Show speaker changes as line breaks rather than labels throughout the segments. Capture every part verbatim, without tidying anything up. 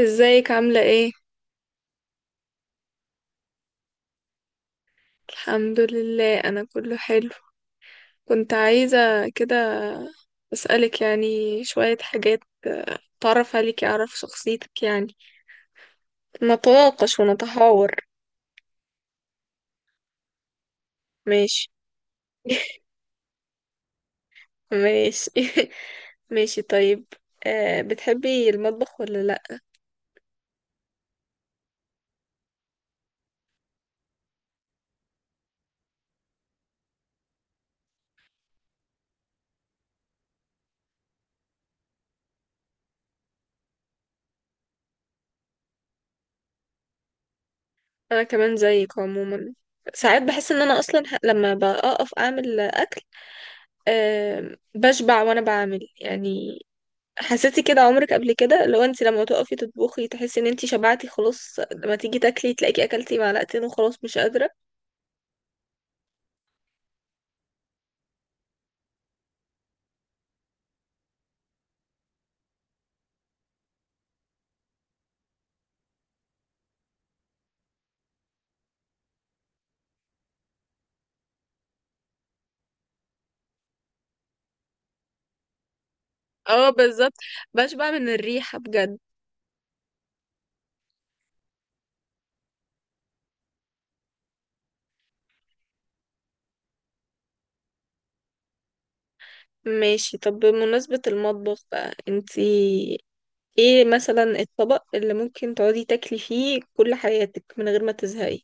ازيك عاملة ايه؟ الحمد لله، انا كله حلو. كنت عايزة كده اسألك يعني شوية حاجات. آه، اتعرف عليك، اعرف شخصيتك، يعني نتناقش ونتحاور. ماشي. ماشي. ماشي طيب. أه بتحبي المطبخ ولا لا؟ انا كمان زيك عموما. ساعات بحس ان انا اصلا ه- لما بقف اعمل اكل. أه بشبع وانا بعمل، يعني حسيتي كده عمرك قبل كده؟ لو انت لما تقفي تطبخي تحسي ان انت شبعتي خلاص، لما تيجي تاكلي تلاقيكي اكلتي معلقتين وخلاص مش قادرة. اه بالظبط، بشبع من الريحة بجد. ماشي. طب بمناسبة المطبخ بقى، انت ايه مثلا الطبق اللي ممكن تقعدي تاكلي فيه كل حياتك من غير ما تزهقي؟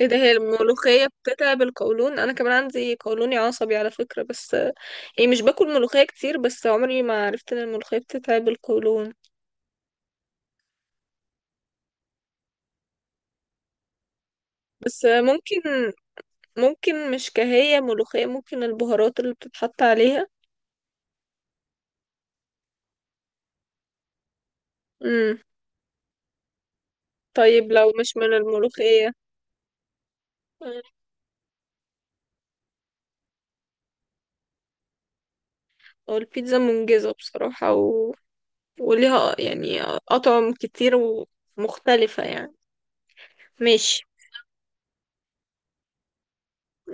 ايه ده، هي الملوخية بتتعب بالقولون؟ انا كمان عندي قولوني عصبي على فكرة، بس يعني مش باكل ملوخية كتير، بس عمري ما عرفت ان الملوخية بتتعب القولون. بس ممكن ممكن مش كهية ملوخية، ممكن البهارات اللي بتتحط عليها. امم. طيب لو مش من الملوخية. مم. هو البيتزا منجزة بصراحة، و... وليها يعني أطعم كتير ومختلفة يعني. ماشي.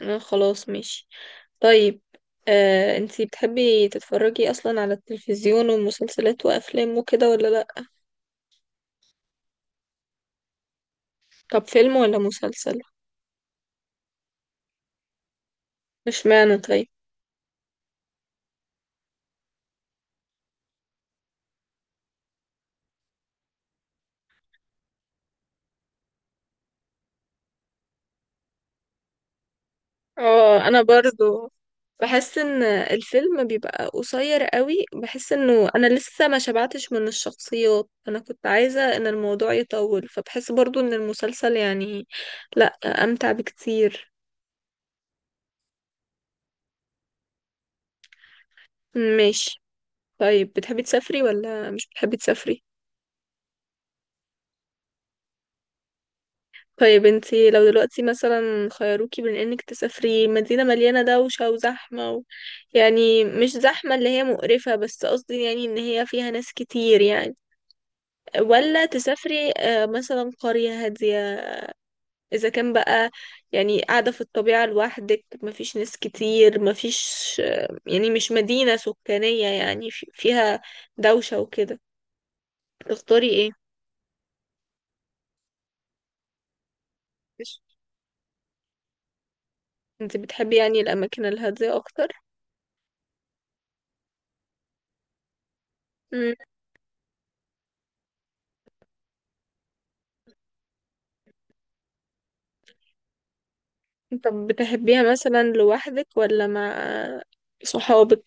آه، خلاص ماشي. طيب. آه، انتي بتحبي تتفرجي أصلا على التلفزيون ومسلسلات وأفلام وكده ولا لأ؟ طب فيلم ولا مسلسل؟ مش معنى طيب. اه انا برضو بحس ان الفيلم بيبقى قصير قوي، بحس انه انا لسه ما شبعتش من الشخصيات، انا كنت عايزة ان الموضوع يطول. فبحس برضو ان المسلسل يعني، لا، امتع بكتير. ماشي. طيب بتحبي تسافري ولا مش بتحبي تسافري؟ طيب انتي لو دلوقتي مثلا خيروكي بين انك تسافري مدينة مليانة دوشة وزحمة، و... يعني مش زحمة اللي هي مقرفة، بس قصدي يعني ان هي فيها ناس كتير يعني، ولا تسافري آه، مثلا قرية هادية، إذا كان بقى يعني قاعدة في الطبيعة لوحدك، مفيش ناس كتير، مفيش آه، يعني مش مدينة سكانية يعني في- فيها دوشة وكده، تختاري ايه؟ مش- انت بتحبي يعني الأماكن الهادية أكتر؟ مم. طب بتحبيها مثلا لوحدك ولا مع صحابك؟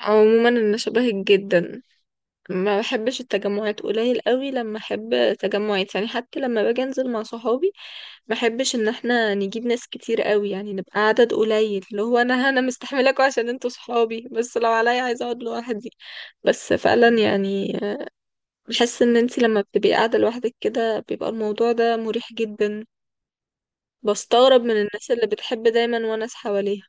عموما أنا شبهك جدا، ما بحبش التجمعات. قليل قوي لما أحب تجمعات، يعني حتى لما باجي أنزل مع صحابي بحبش ان احنا نجيب ناس كتير قوي، يعني نبقى عدد قليل، اللي هو انا انا مستحملاكوا عشان انتوا صحابي، بس لو عليا عايزه اقعد لوحدي. بس فعلا يعني آه، بحس ان انتي لما بتبقي قاعده لوحدك كده بيبقى الموضوع ده مريح جدا. بستغرب من الناس اللي بتحب دايما وناس حواليها.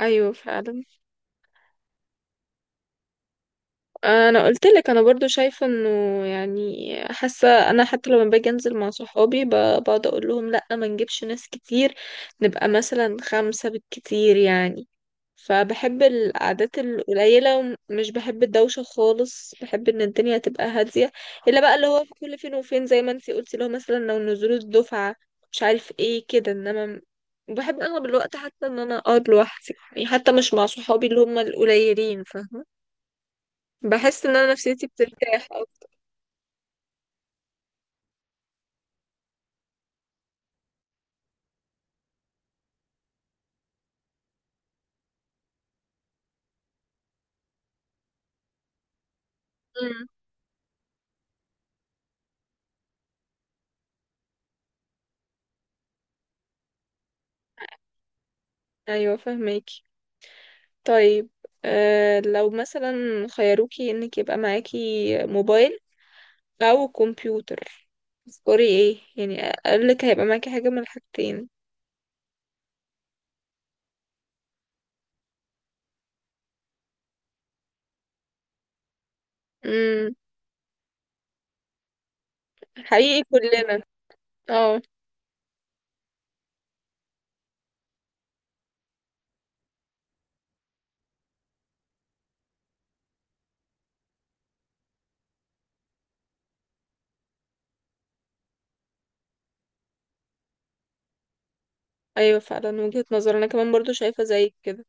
ايوه فعلا. انا قلت لك انا برضو شايفه انه يعني حاسه انا، حتى لما باجي انزل مع صحابي ب- بقعد اقول لهم لا، ما نجيبش ناس كتير، نبقى مثلا خمسه بالكتير يعني. فبحب القعدات القليله، ومش بحب الدوشه خالص، بحب ان الدنيا تبقى هاديه. الا بقى اللي هو في كل فين وفين زي ما انتي قلتي، اللي هو مثلا لو نزول الدفعه مش عارف ايه كده، انما وبحب اغلب الوقت حتى ان انا اقعد لوحدي، يعني حتى مش مع صحابي اللي هم القليلين، فاهمه؟ بحس ان انا نفسيتي بترتاح او... امم. ايوه فهماكي. طيب. آه لو مثلا خيروكي انك يبقى معاكي موبايل او كمبيوتر، تذكري ايه يعني، اقولك هيبقى معاكي حاجه من الحاجتين. امم، حقيقي كلنا. اه. ايوه فعلا وجهة نظر، انا كمان برضو شايفه زيك كده.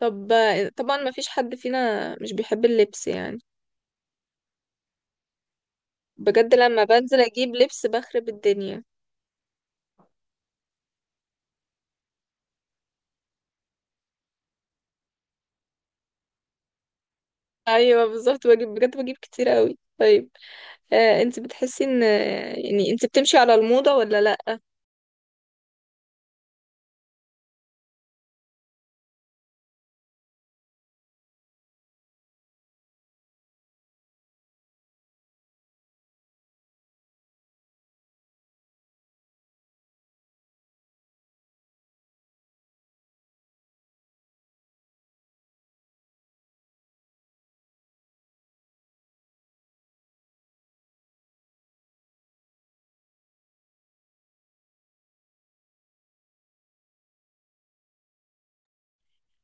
طب آه، طبعا ما فيش حد فينا مش بيحب اللبس، يعني بجد لما بنزل اجيب لبس بخرب الدنيا. ايوه بالظبط بجيب، بجد بجيب كتير قوي. طيب آه، انت بتحسي ان يعني انت بتمشي على الموضة ولا لا؟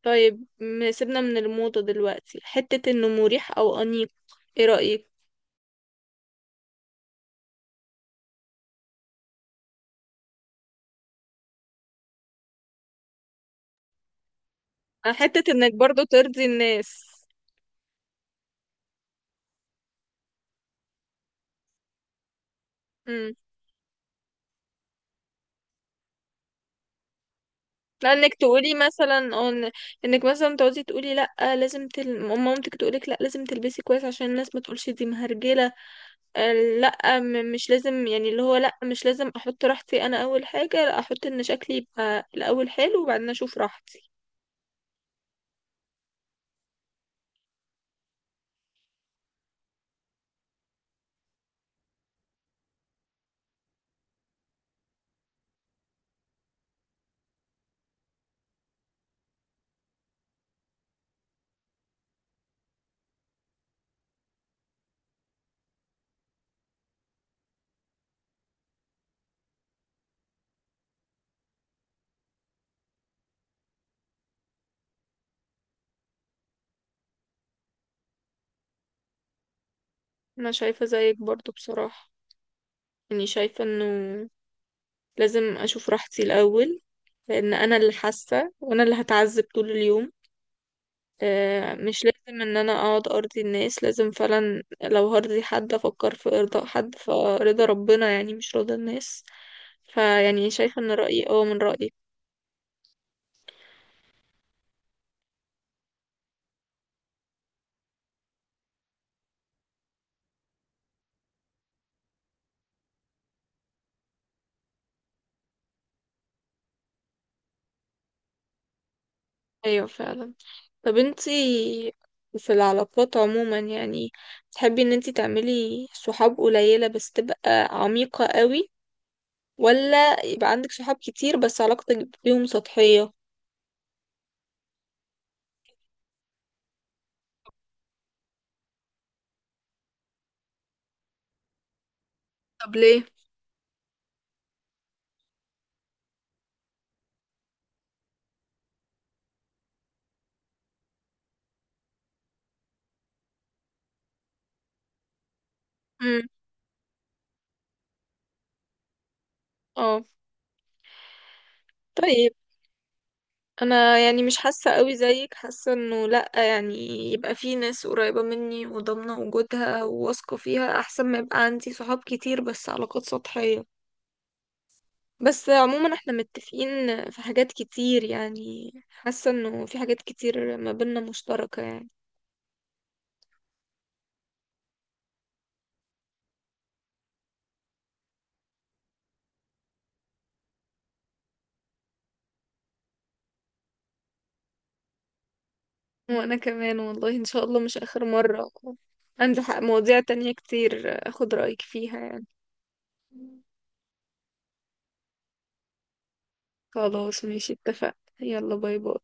طيب م- سيبنا من الموضة دلوقتي. حتة انه مريح او انيق، ايه رأيك؟ آه، حتة انك برضو ترضي الناس. امم. لانك تقولي مثلا أو إن- انك مثلا تقعدي تقولي لا، لازم تل... أم- مامتك تقولك لا لازم تلبسي كويس عشان الناس ما تقولش دي مهرجله. آه، لا م- مش لازم، يعني اللي هو لا مش لازم احط راحتي انا اول حاجه، لا احط ان شكلي يبقى الاول حلو وبعدين اشوف راحتي. انا شايفه زيك برضو بصراحه، يعني شايفة انه لازم اشوف راحتي الاول، لان انا اللي حاسة وانا اللي هتعذب طول اليوم. آه، مش لازم ان انا اقعد ارضي الناس، لازم فعلا لو هرضي حد افكر في ارضاء حد، فرضا ربنا يعني مش رضا الناس. فيعني شايفة ان رأيي اه من رأيك. ايوه فعلا. طب انتي في العلاقات عموما يعني تحبي ان انتي تعملي صحاب قليلة بس تبقى عميقة قوي، ولا يبقى عندك صحاب كتير بس علاقتك بيهم سطحية؟ طب ليه؟ امم. اه. طيب انا يعني مش حاسه قوي زيك، حاسه انه لا يعني يبقى في ناس قريبه مني وضامنه وجودها وواثقه فيها، احسن ما يبقى عندي صحاب كتير بس علاقات سطحيه. بس عموما احنا متفقين في حاجات كتير، يعني حاسه انه في حاجات كتير ما بيننا مشتركه يعني. وانا كمان والله، ان شاء الله مش اخر مره، عندي حق مواضيع تانية كتير اخد رايك فيها يعني. خلاص ماشي اتفقنا. يلا باي باي.